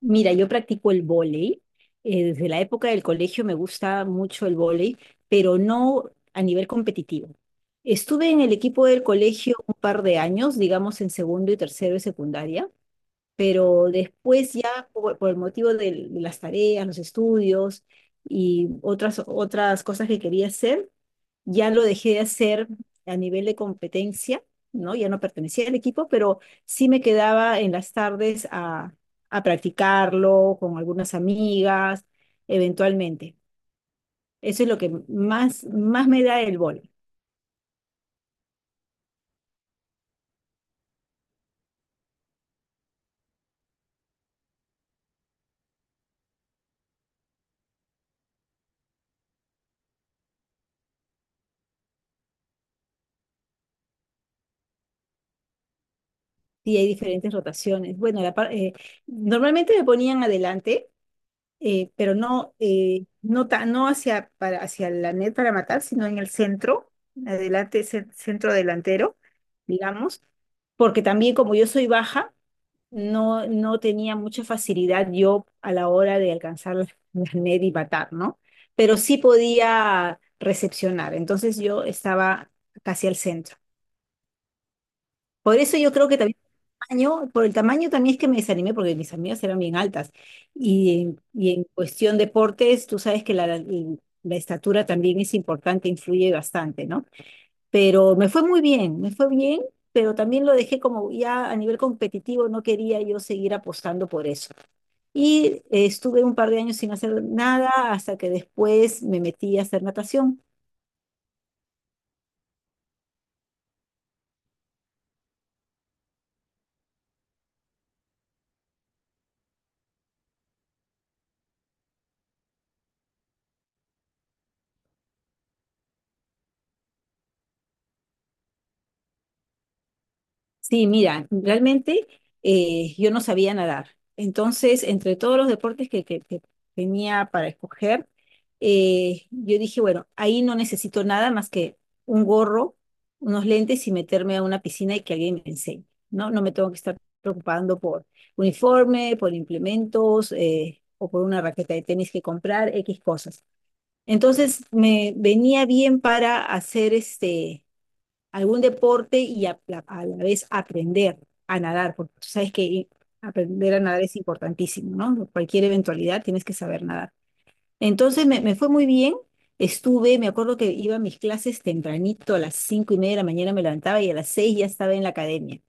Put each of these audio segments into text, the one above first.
Mira, yo practico el vóley. Desde la época del colegio me gusta mucho el vóley, pero no a nivel competitivo. Estuve en el equipo del colegio un par de años, digamos en segundo y tercero de secundaria, pero después ya por el motivo las tareas, los estudios y otras, otras cosas que quería hacer, ya lo dejé de hacer a nivel de competencia, ¿no? Ya no pertenecía al equipo, pero sí me quedaba en las tardes a practicarlo con algunas amigas, eventualmente. Eso es lo que más, más me da el vóley. Y hay diferentes rotaciones. Bueno, normalmente me ponían adelante, pero no, no, no hacia, hacia la net para matar, sino en el centro, adelante, centro delantero, digamos. Porque también como yo soy baja, no, no tenía mucha facilidad yo a la hora de alcanzar la, la net y matar, ¿no? Pero sí podía recepcionar, entonces yo estaba casi al centro. Por eso yo creo que también por el tamaño también es que me desanimé porque mis amigas eran bien altas. Y en cuestión deportes, tú sabes que la estatura también es importante, influye bastante, ¿no? Pero me fue muy bien, me fue bien, pero también lo dejé como ya a nivel competitivo, no quería yo seguir apostando por eso. Y estuve un par de años sin hacer nada hasta que después me metí a hacer natación. Sí, mira, realmente yo no sabía nadar. Entonces, entre todos los deportes que tenía para escoger, yo dije, bueno, ahí no necesito nada más que un gorro, unos lentes y meterme a una piscina y que alguien me enseñe, ¿no? No me tengo que estar preocupando por uniforme, por implementos, o por una raqueta de tenis que comprar, X cosas. Entonces, me venía bien para hacer este algún deporte y a la vez aprender a nadar, porque tú sabes que aprender a nadar es importantísimo, ¿no? Cualquier eventualidad tienes que saber nadar. Entonces me fue muy bien, estuve, me acuerdo que iba a mis clases tempranito, a las 5:30 de la mañana me levantaba y a las seis ya estaba en la academia.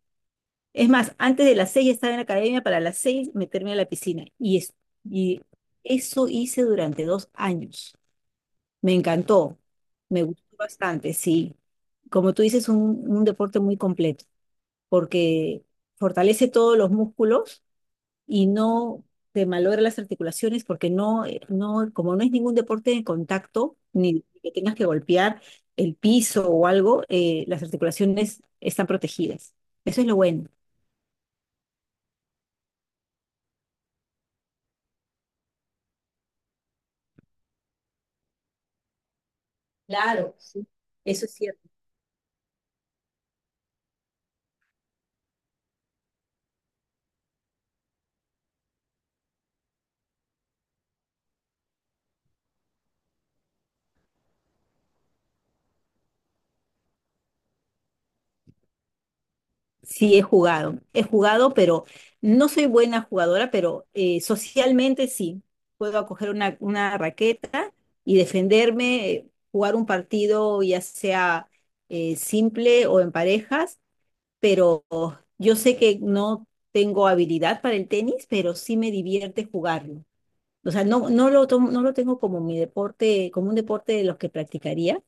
Es más, antes de las seis ya estaba en la academia para las seis meterme a la piscina. Y eso hice durante 2 años. Me encantó, me gustó bastante, sí. Como tú dices, un deporte muy completo, porque fortalece todos los músculos y no te malogra las articulaciones, porque no, no, como no es ningún deporte de contacto, ni que tengas que golpear el piso o algo, las articulaciones están protegidas. Eso es lo bueno. Claro, sí. Eso es cierto. Sí, he jugado. He jugado, pero no soy buena jugadora, pero socialmente sí. Puedo acoger una raqueta y defenderme, jugar un partido ya sea simple o en parejas, pero yo sé que no tengo habilidad para el tenis, pero sí me divierte jugarlo. O sea, no, no lo tengo como mi deporte, como un deporte de los que practicaría,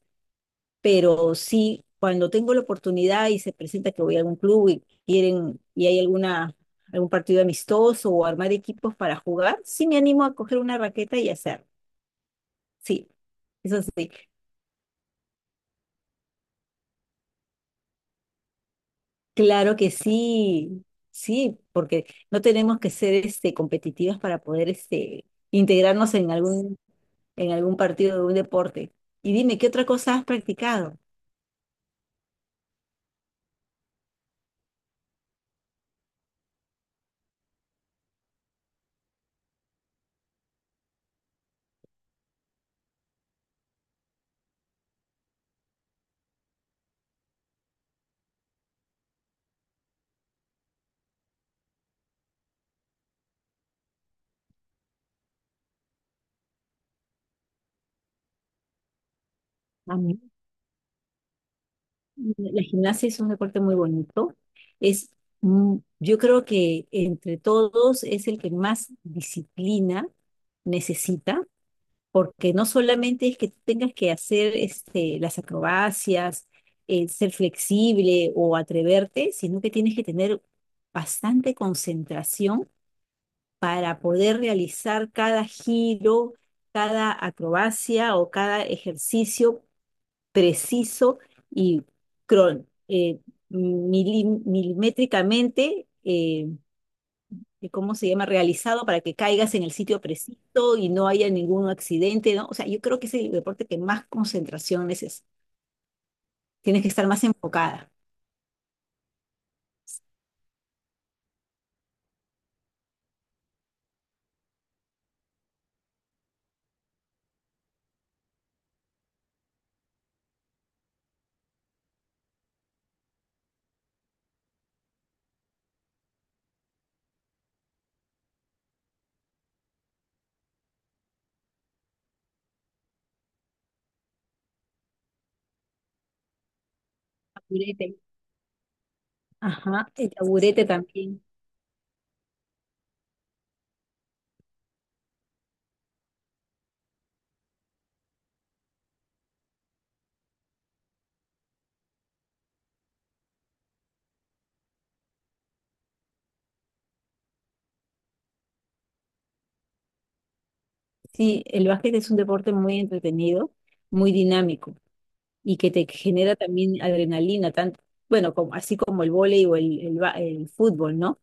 pero sí, cuando tengo la oportunidad y se presenta que voy a algún club y quieren, y hay alguna, algún partido amistoso o armar equipos para jugar, sí me animo a coger una raqueta y hacer. Sí, eso sí. Claro que sí, sí, porque no tenemos que ser este, competitivas para poder este, integrarnos en algún partido de un deporte. Y dime, ¿qué otra cosa has practicado? Ah, la gimnasia es un deporte muy bonito. Es, yo creo que entre todos es el que más disciplina necesita, porque no solamente es que tú tengas que hacer este, las acrobacias, ser flexible o atreverte, sino que tienes que tener bastante concentración para poder realizar cada giro, cada acrobacia o cada ejercicio preciso y cron- eh, milimétricamente, ¿cómo se llama? Realizado para que caigas en el sitio preciso y no haya ningún accidente, ¿no? O sea, yo creo que es el deporte que más concentración es. Tienes que estar más enfocada. Taburete. Ajá, el taburete también. Sí, el básquet es un deporte muy entretenido, muy dinámico y que te genera también adrenalina, tanto, bueno, como, así como el vóley o el fútbol, ¿no?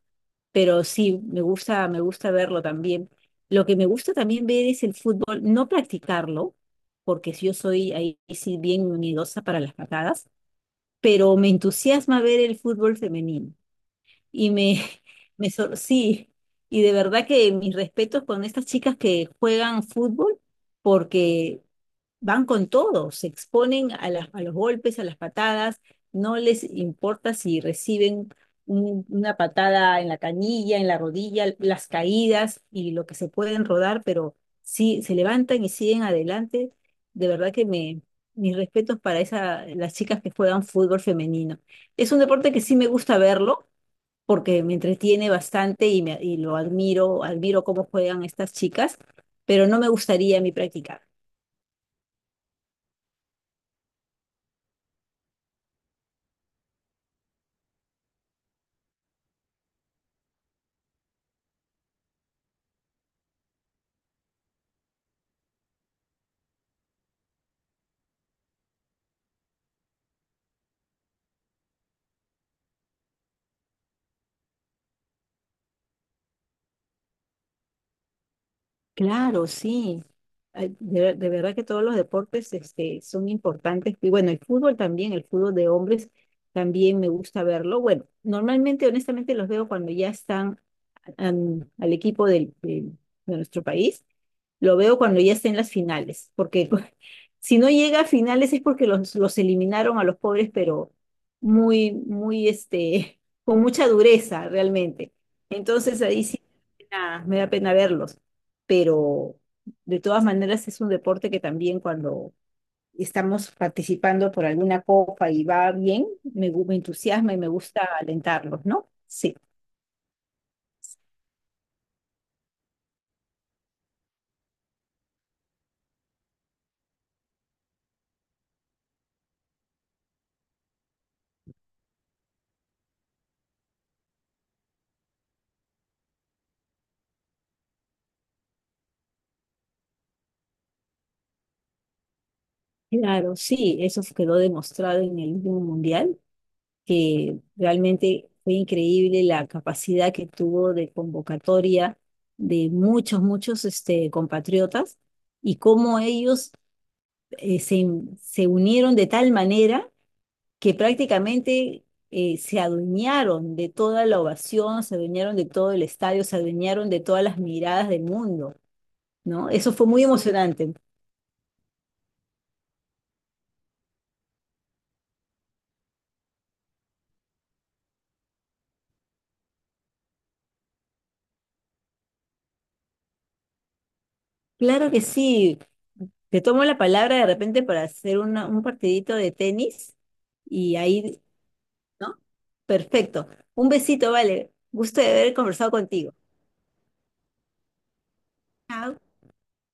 Pero sí, me gusta verlo también. Lo que me gusta también ver es el fútbol, no practicarlo, porque si yo soy ahí sí bien miedosa para las patadas, pero me entusiasma ver el fútbol femenino. Y me, sí, y de verdad que mis respetos con estas chicas que juegan fútbol, porque van con todo, se exponen a, a los golpes, a las patadas, no les importa si reciben una patada en la canilla, en la rodilla, las caídas y lo que se pueden rodar, pero sí se levantan y siguen adelante. De verdad que me, mis respetos para esa, las chicas que juegan fútbol femenino. Es un deporte que sí me gusta verlo porque me entretiene bastante y, me, y lo admiro, admiro cómo juegan estas chicas, pero no me gustaría a mí practicar. Claro, sí. Ay, de verdad que todos los deportes este, son importantes. Y bueno, el fútbol también, el fútbol de hombres también me gusta verlo. Bueno, normalmente, honestamente, los veo cuando ya están al equipo de nuestro país, lo veo cuando ya esté en las finales, porque si no llega a finales es porque los eliminaron a los pobres, pero muy, muy, este, con mucha dureza realmente. Entonces ahí sí me da pena verlos, pero de todas maneras es un deporte que también cuando estamos participando por alguna copa y va bien, me entusiasma y me gusta alentarlos, ¿no? Sí. Claro, sí, eso quedó demostrado en el último mundial, que realmente fue increíble la capacidad que tuvo de convocatoria de muchos, muchos este, compatriotas y cómo ellos eh, se, se unieron de tal manera que prácticamente se adueñaron de toda la ovación, se adueñaron de todo el estadio, se adueñaron de todas las miradas del mundo, ¿no? Eso fue muy emocionante. Claro que sí. Te tomo la palabra de repente para hacer un partidito de tenis y ahí, ¿no? Perfecto. Un besito, vale. Gusto de haber conversado contigo. Chao.